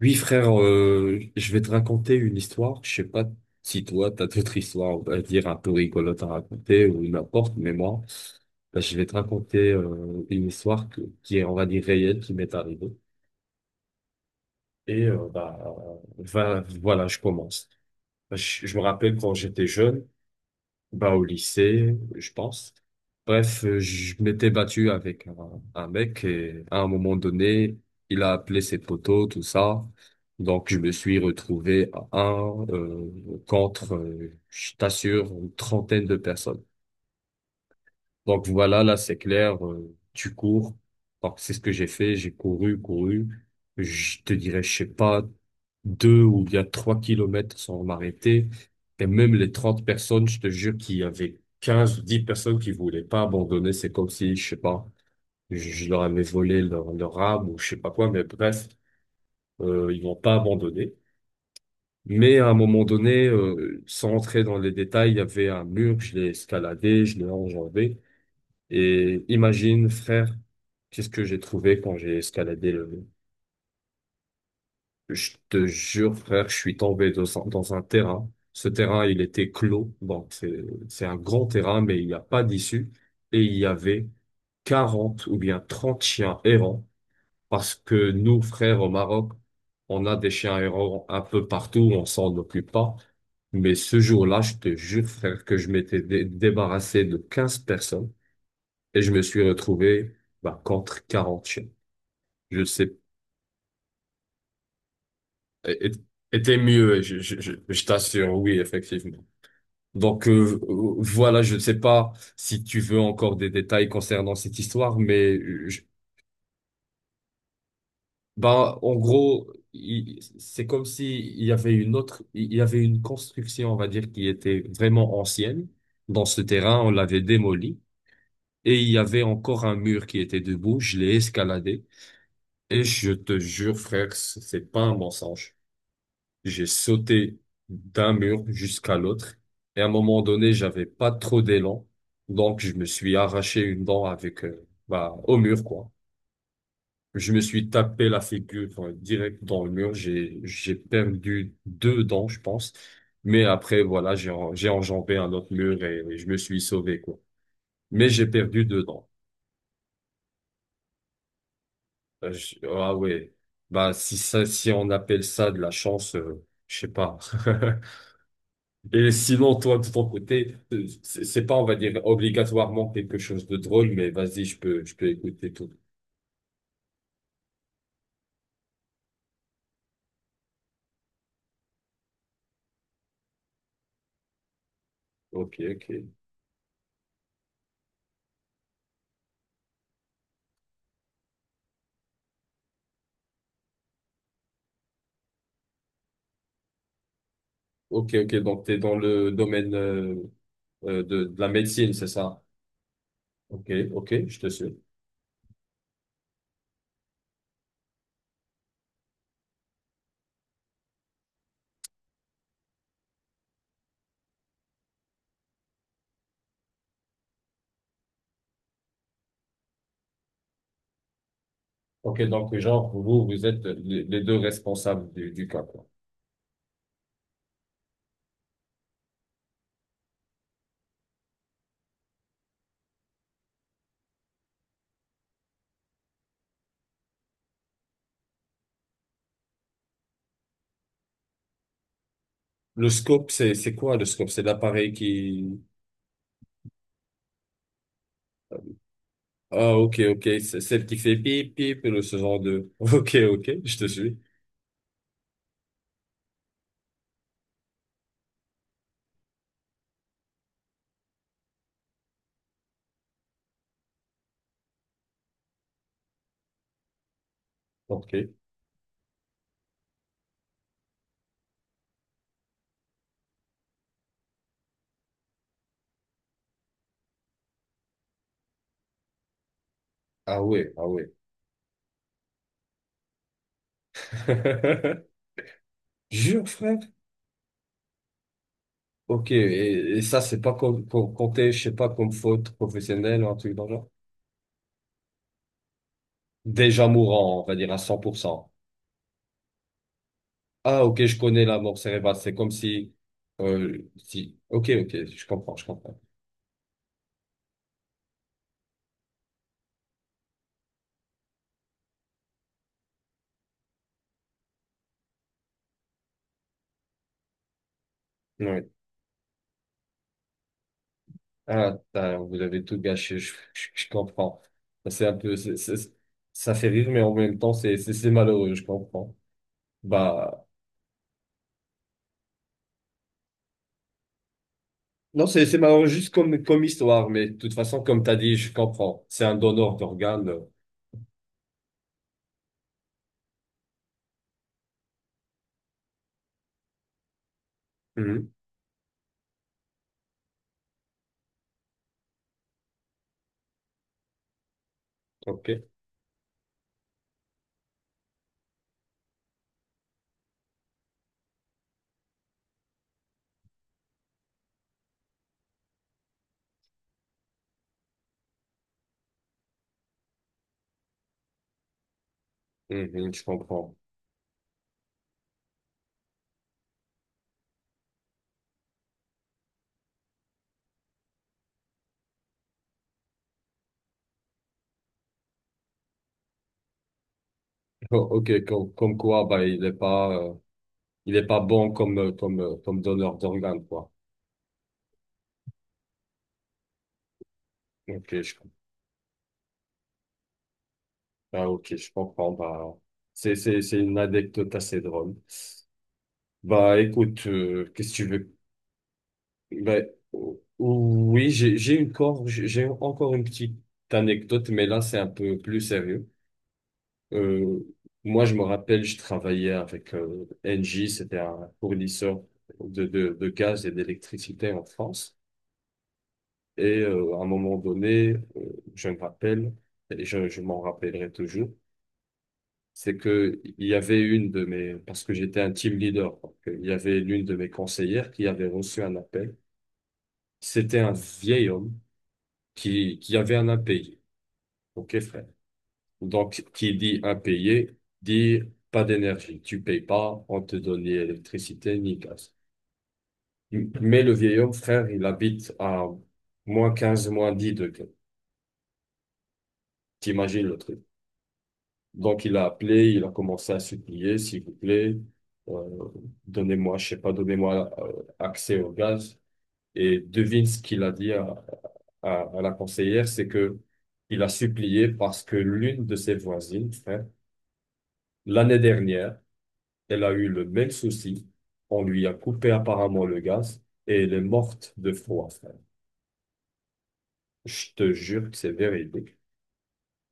Oui, frère, je vais te raconter une histoire. Je sais pas si toi, t'as d'autres histoires, on va dire, un peu rigolotes à raconter ou n'importe, mais moi, bah, je vais te raconter une histoire qui est, on va dire, réelle, qui m'est arrivée. Et voilà, je commence. Je me rappelle quand j'étais jeune, bah, au lycée, je pense. Bref, je m'étais battu avec un mec et à un moment donné, il a appelé ses potos, tout ça. Donc, je me suis retrouvé à un contre, je t'assure, une trentaine de personnes. Donc voilà, là c'est clair, tu cours. Donc c'est ce que j'ai fait, j'ai couru, couru. Je te dirais, je sais pas, 2 ou bien 3 kilomètres sans m'arrêter. Et même les 30 personnes, je te jure qu'il y avait 15 ou 10 personnes qui voulaient pas abandonner. C'est comme si, je sais pas, je leur avais volé leur âme ou je sais pas quoi, mais bref, ils n'ont pas abandonné. Mais à un moment donné, sans entrer dans les détails, il y avait un mur, je l'ai escaladé, je l'ai enjambé. Et imagine, frère, qu'est-ce que j'ai trouvé quand j'ai escaladé le... Je te jure, frère, je suis tombé dans dans un terrain. Ce terrain, il était clos. Bon, c'est un grand terrain, mais il n'y a pas d'issue. Et il y avait 40 ou bien 30 chiens errants. Parce que nous, frères, au Maroc, on a des chiens errants un peu partout, on s'en occupe pas. Mais ce jour-là, je te jure, frère, que je m'étais débarrassé de 15 personnes. Et je me suis retrouvé bah, contre quarante chiens. Je sais, é- é- était mieux, je t'assure, oui, effectivement. Donc voilà, je ne sais pas si tu veux encore des détails concernant cette histoire, mais bah, en gros, c'est comme si il y avait une autre, il y avait une construction, on va dire, qui était vraiment ancienne. Dans ce terrain, on l'avait démoli et il y avait encore un mur qui était debout. Je l'ai escaladé. Et je te jure, frère, c'est pas un mensonge. J'ai sauté d'un mur jusqu'à l'autre. Et à un moment donné, j'avais pas trop d'élan. Donc, je me suis arraché une dent avec, au mur, quoi. Je me suis tapé la figure, enfin, direct dans le mur. J'ai perdu deux dents, je pense. Mais après, voilà, j'ai enjambé un autre mur et je me suis sauvé, quoi. Mais j'ai perdu deux dents. Ah, ouais. Bah, si ça, si on appelle ça de la chance, je sais pas. Et sinon, toi, de ton côté, c'est pas, on va dire, obligatoirement quelque chose de drôle, mais vas-y, je peux écouter tout. Ok, ok. Ok, ok. Donc, t'es dans le domaine de la médecine, c'est ça? Ok, ok, je te suis. Ok, donc, genre, vous, vous êtes les deux responsables du cas, quoi. Le scope, c'est quoi, le scope? C'est l'appareil qui... Ah, ok, ok. C'est celle qui fait pip, pip, le, ce genre de... Ok, ok, je te suis. Ok. Ah, ouais, ah, ouais. Jure, frère. Ok, et ça, c'est pas compté, je sais pas, comme faute professionnelle ou un truc dans le genre. Déjà mourant, on va dire à 100%. Ah, ok, je connais la mort cérébrale. C'est comme si, ok, ok, je comprends. Oui. Ah, putain, vous avez tout gâché, je comprends. C'est un peu, ça fait rire, mais en même temps, c'est malheureux, je comprends. Bah, non, c'est malheureux juste comme, comme histoire, mais de toute façon, comme t'as dit, je comprends. C'est un donneur d'organes. Mhm. Ok. Mhm, je comprends. Oh, ok, comme, comme quoi, bah, il est pas bon comme, comme donneur d'organes, quoi. Ok. Ah, ok, je comprends. Bah, c'est une anecdote assez drôle. Bah, écoute, qu'est-ce que tu veux? Bah, oui, j'ai encore une petite anecdote, mais là, c'est un peu plus sérieux. Euh, moi, je me rappelle, je travaillais avec Engie, c'était un fournisseur de, de gaz et d'électricité en France. Et à un moment donné, je me rappelle, et je m'en rappellerai toujours, c'est que il y avait une de mes, parce que j'étais un team leader, donc, il y avait l'une de mes conseillères qui avait reçu un appel. C'était un vieil homme qui avait un impayé. OK, frère. Donc, qui dit impayé, dit pas d'énergie. Tu payes pas, on te donne ni électricité, ni gaz. Mais le vieil homme, frère, il habite à -15 -10 degrés. T'imagines le truc. Donc il a appelé, il a commencé à supplier, s'il vous plaît, euh, donnez-moi, je sais pas, donnez-moi accès au gaz. Et devine ce qu'il a dit à la conseillère, c'est que il a supplié parce que l'une de ses voisines, frère, l'année dernière, elle a eu le même souci. On lui a coupé apparemment le gaz et elle est morte de froid, frère. Je te jure que c'est véridique.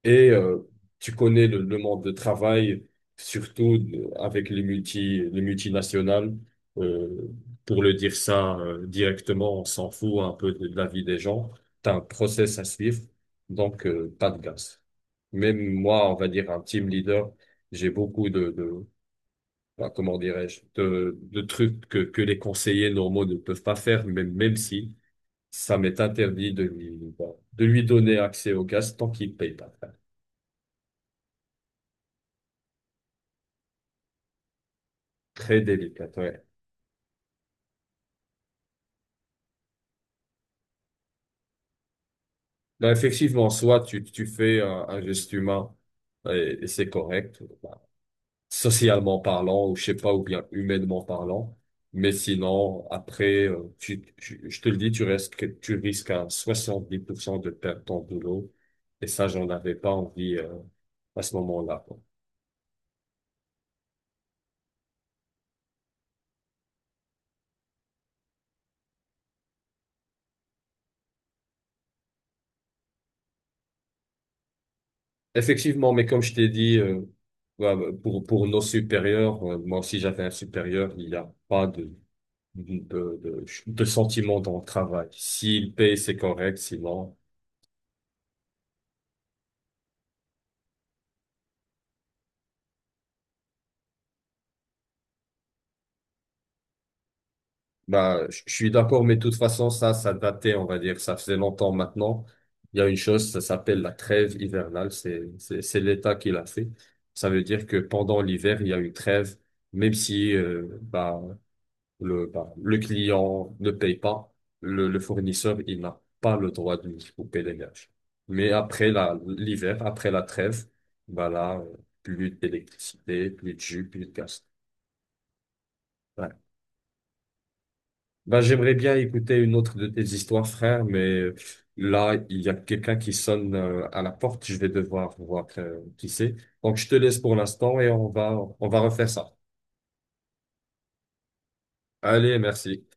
Et tu connais le monde de travail, surtout avec les les multinationales. Euh, pour le dire ça directement, on s'en fout un peu de, la vie des gens. T'as un process à suivre, donc pas de gaz. Même moi, on va dire un team leader, j'ai beaucoup de bah, comment dirais-je, de trucs que les conseillers normaux ne peuvent pas faire, même, même si ça m'est interdit de lui, bah, de lui donner accès au gaz tant qu'il paye pas. Très délicate, ouais. Non, effectivement, soit tu, tu fais un geste humain et c'est correct, bah, socialement parlant, ou je sais pas, ou bien humainement parlant. Mais sinon, après, je te le dis, tu risques à 70% de perdre ton boulot. Et ça, j'en avais pas envie, à ce moment-là, quoi. Effectivement, mais comme je t'ai dit, ouais, pour nos supérieurs, moi aussi j'avais un supérieur, il n'y a pas de de sentiments dans le travail. S'il paye, c'est correct, sinon, bah, je suis d'accord, mais de toute façon, ça datait, on va dire, ça faisait longtemps maintenant. Il y a une chose, ça s'appelle la trêve hivernale, c'est l'État qui l'a fait. Ça veut dire que pendant l'hiver, il y a une trêve, même si, le client ne paye pas, le fournisseur, il n'a pas le droit de lui couper l'héberge. Mais après l'hiver, après la trêve, bah là, plus d'électricité, plus de jus, plus de gaz. Ouais. Bah, j'aimerais bien écouter une autre de tes histoires, frère, mais là, il y a quelqu'un qui sonne à la porte. Je vais devoir voir qui c'est. Donc, je te laisse pour l'instant et on va refaire ça. Allez, merci.